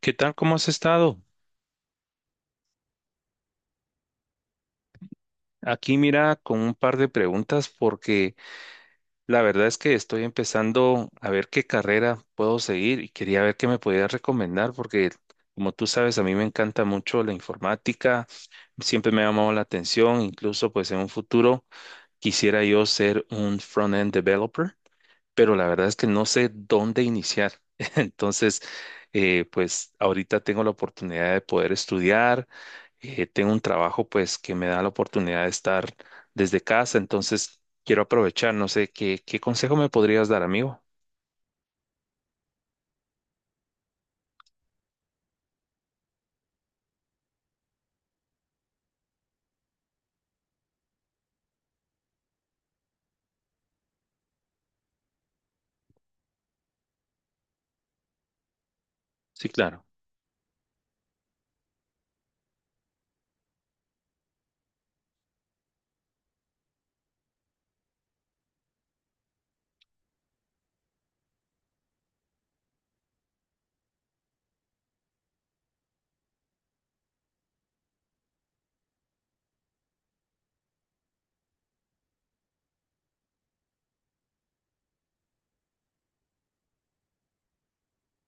¿Qué tal? ¿Cómo has estado? Aquí mira con un par de preguntas porque la verdad es que estoy empezando a ver qué carrera puedo seguir y quería ver qué me podías recomendar porque como tú sabes a mí me encanta mucho la informática, siempre me ha llamado la atención, incluso pues en un futuro quisiera yo ser un front-end developer pero la verdad es que no sé dónde iniciar. Entonces, pues ahorita tengo la oportunidad de poder estudiar, tengo un trabajo pues que me da la oportunidad de estar desde casa, entonces quiero aprovechar, no sé, ¿qué consejo me podrías dar, amigo? Sí, claro.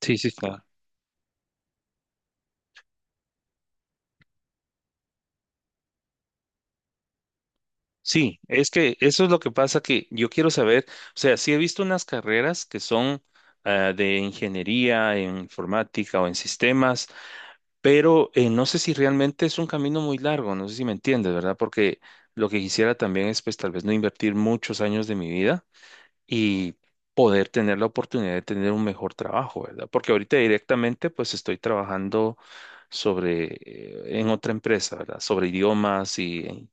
Sí, sí, claro. Sí, es que eso es lo que pasa que yo quiero saber, o sea, sí he visto unas carreras que son ah, de ingeniería en informática o en sistemas, pero no sé si realmente es un camino muy largo, no sé si me entiendes, ¿verdad? Porque lo que quisiera también es pues tal vez no invertir muchos años de mi vida y poder tener la oportunidad de tener un mejor trabajo, ¿verdad? Porque ahorita directamente pues estoy trabajando sobre, en otra empresa, ¿verdad? Sobre idiomas y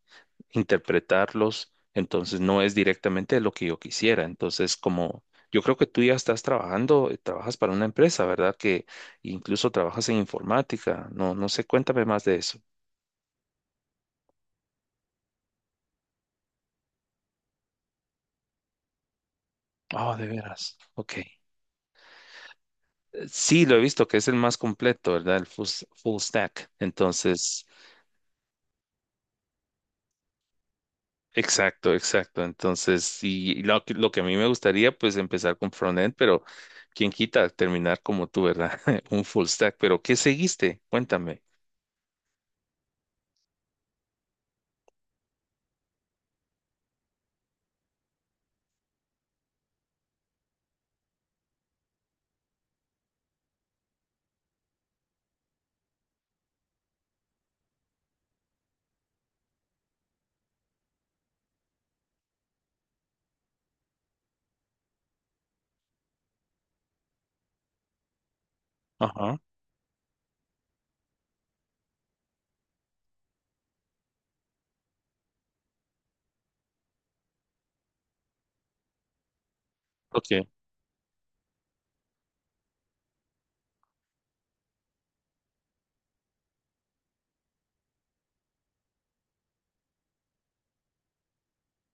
interpretarlos, entonces no es directamente lo que yo quisiera. Entonces, como yo creo que tú ya estás trabajando, trabajas para una empresa, ¿verdad? Que incluso trabajas en informática. No, no sé, cuéntame más de eso. Oh, de veras. Ok. Sí, lo he visto que es el más completo, ¿verdad? El full, full stack. Entonces, exacto, exacto. Entonces, y, lo, lo que a mí me gustaría, pues empezar con frontend, pero quién quita terminar como tú, ¿verdad? Un full stack. Pero, ¿qué seguiste? Cuéntame. Ajá. Ok,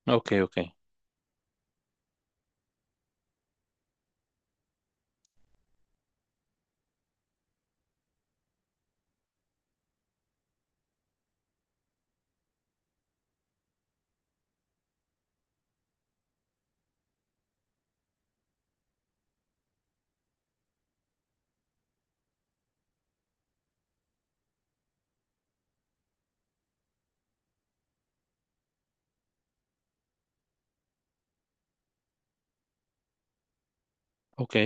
ok, ok, ok.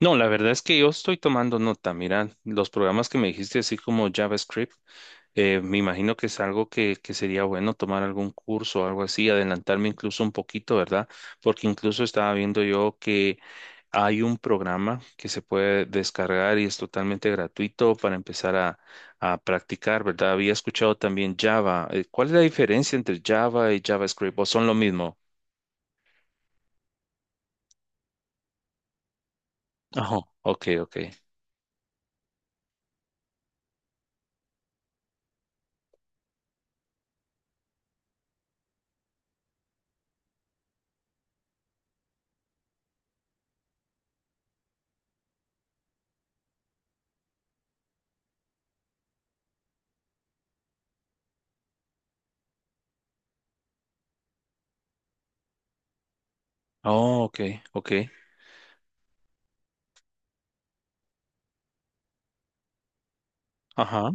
No, la verdad es que yo estoy tomando nota. Mira, los programas que me dijiste, así como JavaScript, me imagino que es algo que sería bueno tomar algún curso o algo así, adelantarme incluso un poquito, ¿verdad? Porque incluso estaba viendo yo que hay un programa que se puede descargar y es totalmente gratuito para empezar a practicar, ¿verdad? Había escuchado también Java. ¿Cuál es la diferencia entre Java y JavaScript? ¿O son lo mismo? Ajá, ok, ok. Oh, ok, ok. Ajá,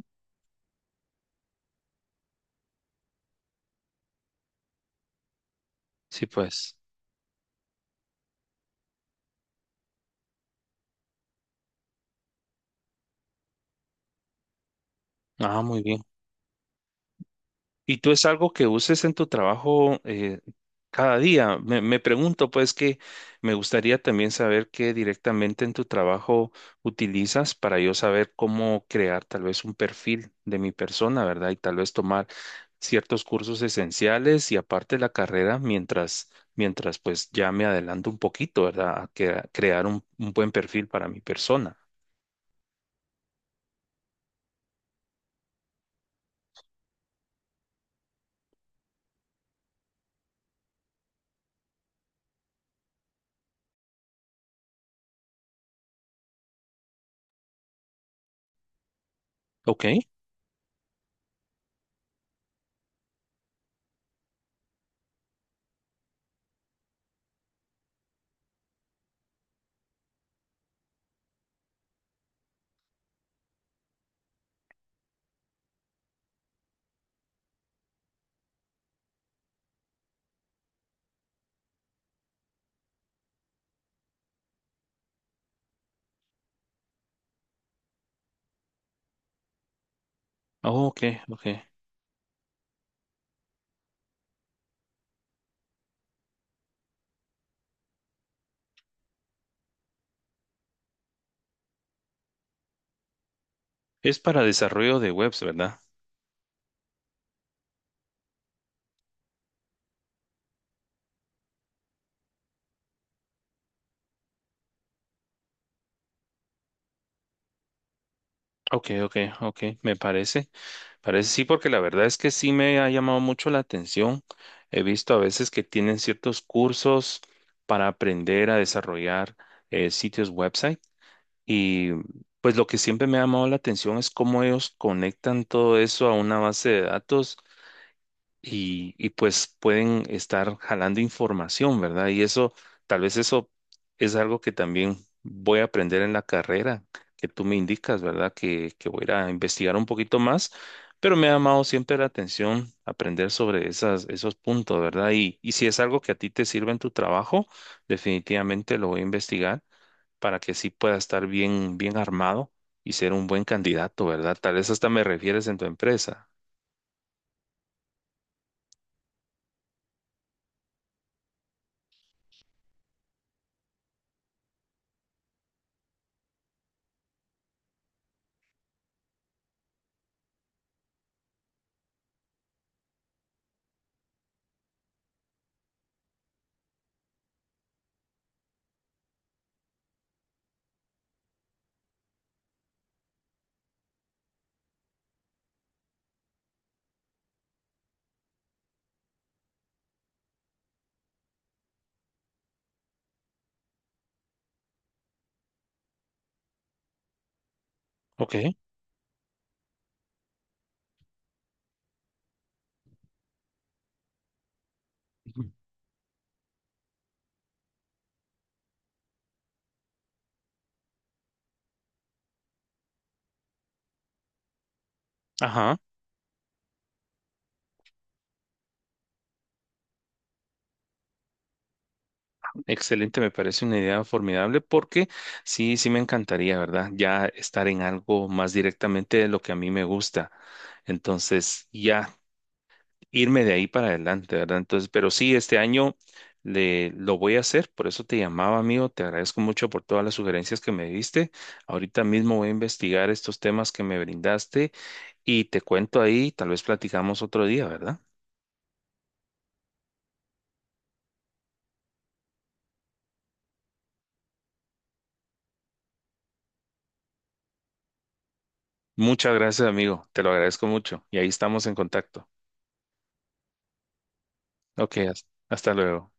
sí, pues. Ah, muy bien. ¿Y tú es algo que uses en tu trabajo cada día? Me pregunto, pues, que me gustaría también saber qué directamente en tu trabajo utilizas para yo saber cómo crear tal vez un perfil de mi persona, ¿verdad? Y tal vez tomar ciertos cursos esenciales y aparte la carrera mientras pues ya me adelanto un poquito, ¿verdad? A crear un buen perfil para mi persona. Ok, oh, ok, ok. ¿Es para desarrollo de webs, verdad? Ok, ok, ok, me parece, parece sí, porque la verdad es que sí me ha llamado mucho la atención. He visto a veces que tienen ciertos cursos para aprender a desarrollar sitios website y pues lo que siempre me ha llamado la atención es cómo ellos conectan todo eso a una base de datos y pues pueden estar jalando información, ¿verdad? Y eso, tal vez eso es algo que también voy a aprender en la carrera que tú me indicas, ¿verdad? Que voy a ir a investigar un poquito más, pero me ha llamado siempre la atención aprender sobre esas, esos puntos, ¿verdad? Y si es algo que a ti te sirve en tu trabajo, definitivamente lo voy a investigar para que sí pueda estar bien, bien armado y ser un buen candidato, ¿verdad? Tal vez hasta me refieres en tu empresa. Ok. Ajá. Excelente, me parece una idea formidable porque sí, sí me encantaría, ¿verdad? Ya estar en algo más directamente de lo que a mí me gusta. Entonces, ya irme de ahí para adelante, ¿verdad? Entonces, pero sí, este año lo voy a hacer, por eso te llamaba, amigo. Te agradezco mucho por todas las sugerencias que me diste. Ahorita mismo voy a investigar estos temas que me brindaste y te cuento ahí, tal vez platicamos otro día, ¿verdad? Muchas gracias, amigo. Te lo agradezco mucho y ahí estamos en contacto. Ok, hasta luego.